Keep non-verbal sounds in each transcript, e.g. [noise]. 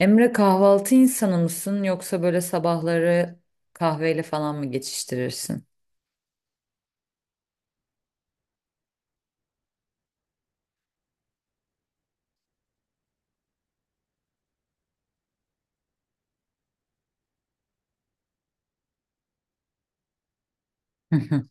Emre kahvaltı insanı mısın yoksa böyle sabahları kahveyle falan mı geçiştirirsin? [laughs] Hı hı.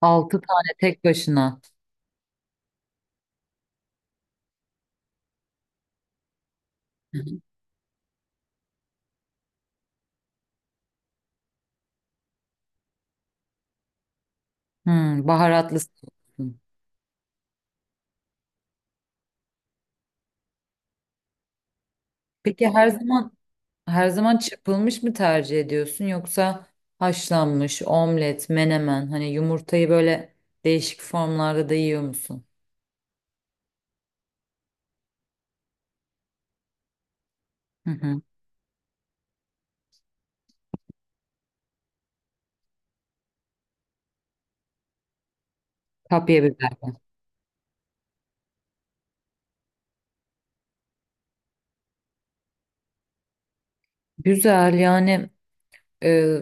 Altı tane tek başına. Hı hı. Hmm, baharatlısın. Peki her zaman her zaman çırpılmış mı tercih ediyorsun yoksa haşlanmış, omlet, menemen hani yumurtayı böyle değişik formlarda da yiyor musun? Hı hı. Kapya biberle. Güzel yani. e,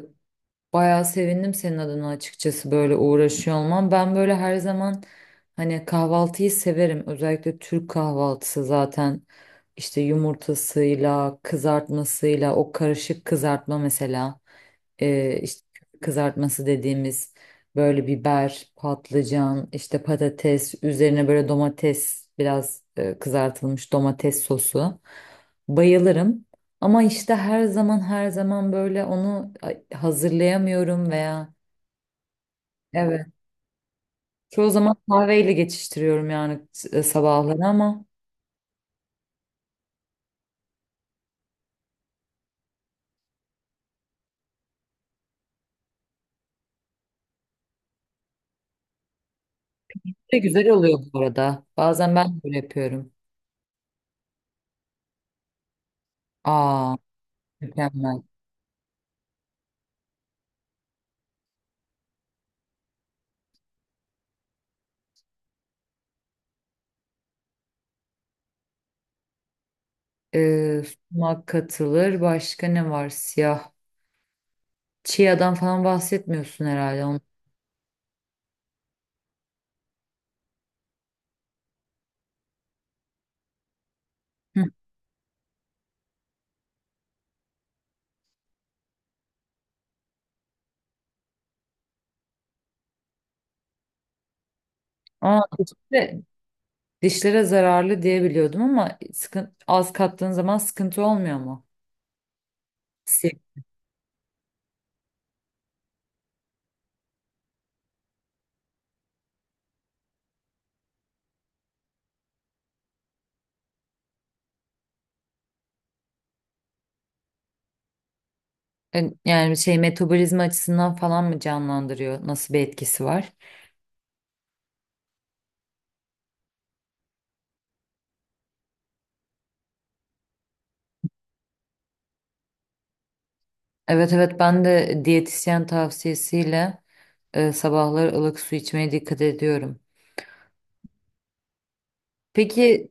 Bayağı sevindim senin adına açıkçası böyle uğraşıyor olman. Ben böyle her zaman hani kahvaltıyı severim. Özellikle Türk kahvaltısı zaten işte yumurtasıyla, kızartmasıyla, o karışık kızartma mesela. İşte kızartması dediğimiz böyle biber, patlıcan, işte patates, üzerine böyle domates, biraz kızartılmış domates sosu. Bayılırım. Ama işte her zaman her zaman böyle onu hazırlayamıyorum veya evet. Çoğu zaman kahveyle geçiştiriyorum yani, sabahları ama ne güzel oluyor bu arada. Bazen ben böyle yapıyorum. Aa, mükemmel. Ee, Sumak katılır. Başka ne var? Siyah. Chia'dan falan bahsetmiyorsun herhalde. Onu. Hı. Aa, dişlere zararlı diye biliyordum ama az kattığın zaman sıkıntı olmuyor mu? Yani şey, metabolizma açısından falan mı canlandırıyor? Nasıl bir etkisi var? Evet, evet, ben de diyetisyen tavsiyesiyle sabahları ılık su içmeye dikkat ediyorum. Peki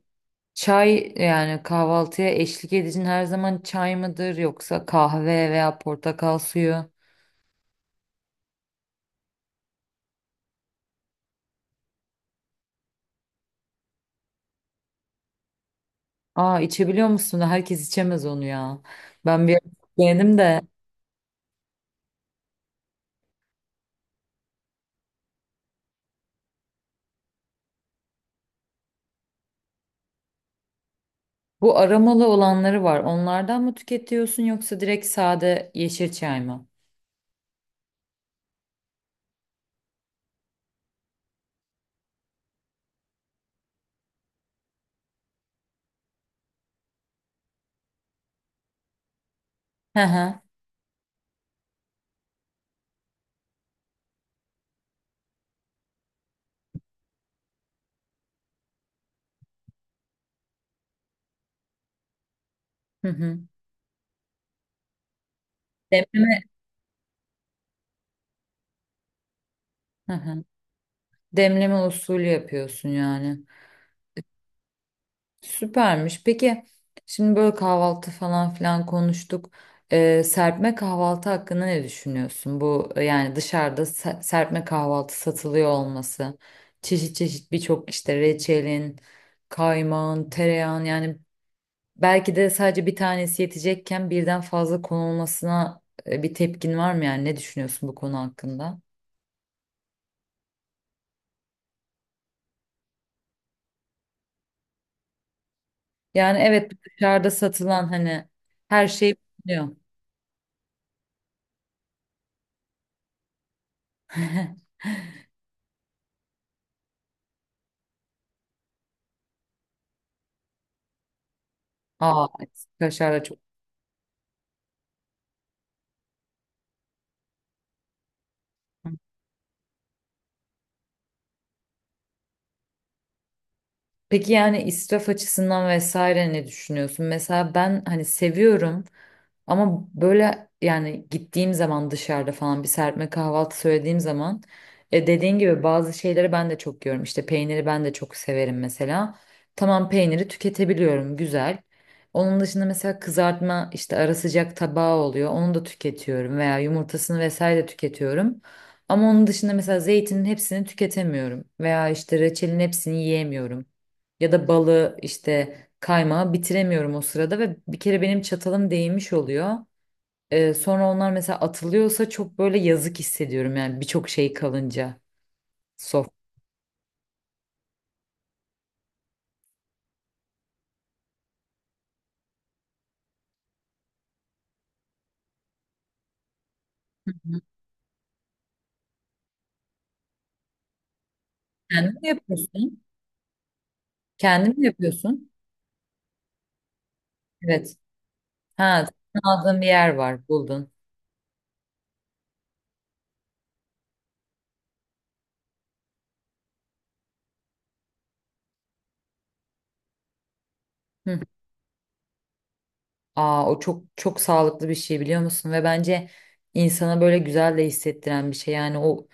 çay, yani kahvaltıya eşlik edicin her zaman çay mıdır yoksa kahve veya portakal suyu? Aa, içebiliyor musun? Herkes içemez onu ya. Ben bir ara beğendim de bu aromalı olanları var. Onlardan mı tüketiyorsun yoksa direkt sade yeşil çay mı? Hı hı. Hı hı. Demleme. Hı hı. Demleme usulü yapıyorsun yani. Süpermiş. Peki, şimdi böyle kahvaltı falan filan konuştuk. Serpme kahvaltı hakkında ne düşünüyorsun? Bu, yani dışarıda serpme kahvaltı satılıyor olması. Çeşit çeşit birçok işte reçelin, kaymağın, tereyağın, yani belki de sadece bir tanesi yetecekken birden fazla konulmasına bir tepkin var mı, yani ne düşünüyorsun bu konu hakkında? Yani evet, dışarıda satılan hani her şey bulunuyor. [laughs] Aa, evet. Kaşar da çok. Peki yani israf açısından vesaire ne düşünüyorsun? Mesela ben hani seviyorum. Ama böyle yani gittiğim zaman dışarıda falan bir serpme kahvaltı söylediğim zaman, dediğin gibi bazı şeyleri ben de çok yiyorum. İşte peyniri ben de çok severim mesela. Tamam, peyniri tüketebiliyorum, güzel. Onun dışında mesela kızartma, işte ara sıcak tabağı oluyor. Onu da tüketiyorum veya yumurtasını vesaire de tüketiyorum. Ama onun dışında mesela zeytinin hepsini tüketemiyorum veya işte reçelin hepsini yiyemiyorum. Ya da balı, işte kaymağı bitiremiyorum o sırada ve bir kere benim çatalım değmiş oluyor. Sonra onlar mesela atılıyorsa çok böyle yazık hissediyorum yani, birçok şey kalınca. Sof. Kendin mi yapıyorsun? Kendin mi yapıyorsun? Evet. Ha, aldığın bir yer var, buldun. Hı. Aa, o çok çok sağlıklı bir şey, biliyor musun? Ve bence insana böyle güzel de hissettiren bir şey. Yani o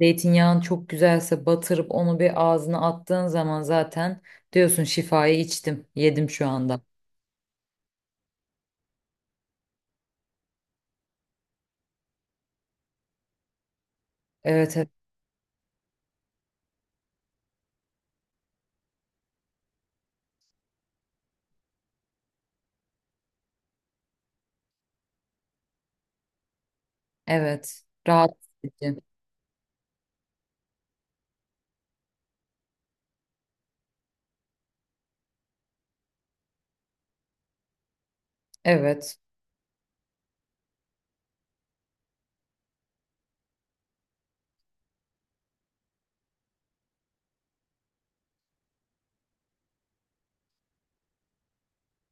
zeytinyağın çok güzelse batırıp onu bir ağzına attığın zaman zaten diyorsun, şifayı içtim, yedim şu anda. Evet. Evet, rahatsız edici. Evet.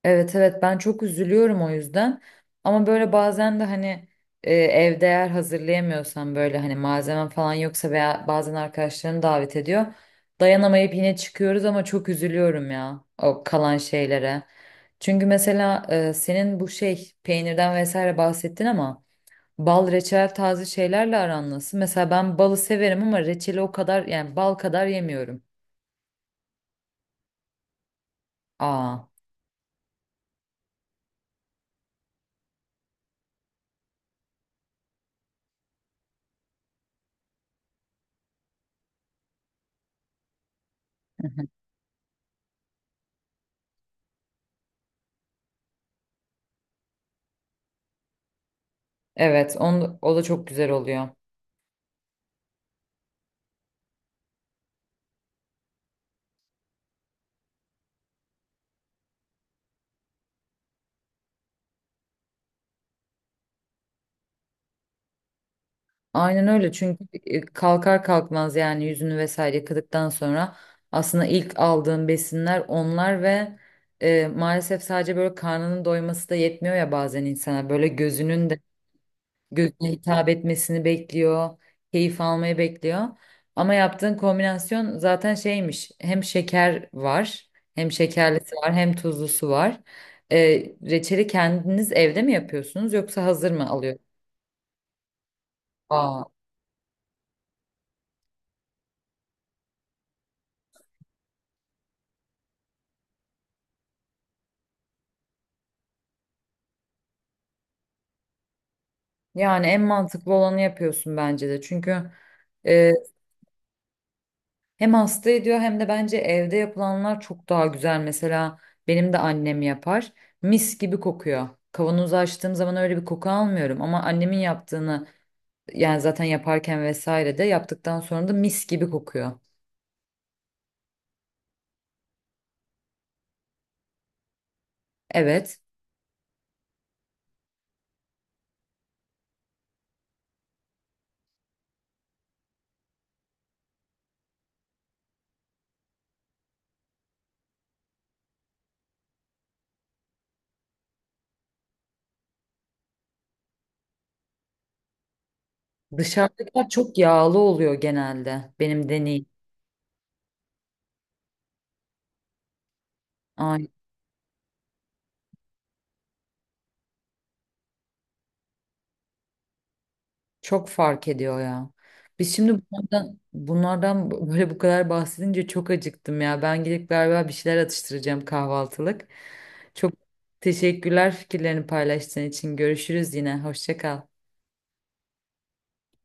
Evet, evet, ben çok üzülüyorum o yüzden. Ama böyle bazen de hani, evde eğer hazırlayamıyorsan, böyle hani malzemem falan yoksa veya bazen arkadaşlarını davet ediyor. Dayanamayıp yine çıkıyoruz ama çok üzülüyorum ya o kalan şeylere. Çünkü mesela senin bu şey peynirden vesaire bahsettin ama bal, reçel, taze şeylerle aran nasıl? Mesela ben balı severim ama reçeli o kadar, yani bal kadar yemiyorum. Aa. Evet, o da çok güzel oluyor. Aynen öyle, çünkü kalkar kalkmaz yani yüzünü vesaire yıkadıktan sonra aslında ilk aldığın besinler onlar ve maalesef sadece böyle karnının doyması da yetmiyor ya, bazen insana böyle gözünün de gözüne hitap etmesini bekliyor, keyif almayı bekliyor. Ama yaptığın kombinasyon zaten şeymiş, hem şeker var, hem şekerlisi var, hem tuzlusu var. E, Reçeli kendiniz evde mi yapıyorsunuz yoksa hazır mı alıyorsunuz? Aa, yani en mantıklı olanı yapıyorsun bence de. Çünkü e, hem hasta ediyor, hem de bence evde yapılanlar çok daha güzel. Mesela benim de annem yapar. Mis gibi kokuyor. Kavanozu açtığım zaman öyle bir koku almıyorum ama annemin yaptığını, yani zaten yaparken vesaire de yaptıktan sonra da mis gibi kokuyor. Evet. Dışarıdakiler çok yağlı oluyor genelde benim deneyim. Çok fark ediyor ya. Biz şimdi bunlardan böyle bu kadar bahsedince çok acıktım ya. Ben gidip galiba bir şeyler atıştıracağım kahvaltılık. Çok teşekkürler fikirlerini paylaştığın için. Görüşürüz yine. Hoşça kal.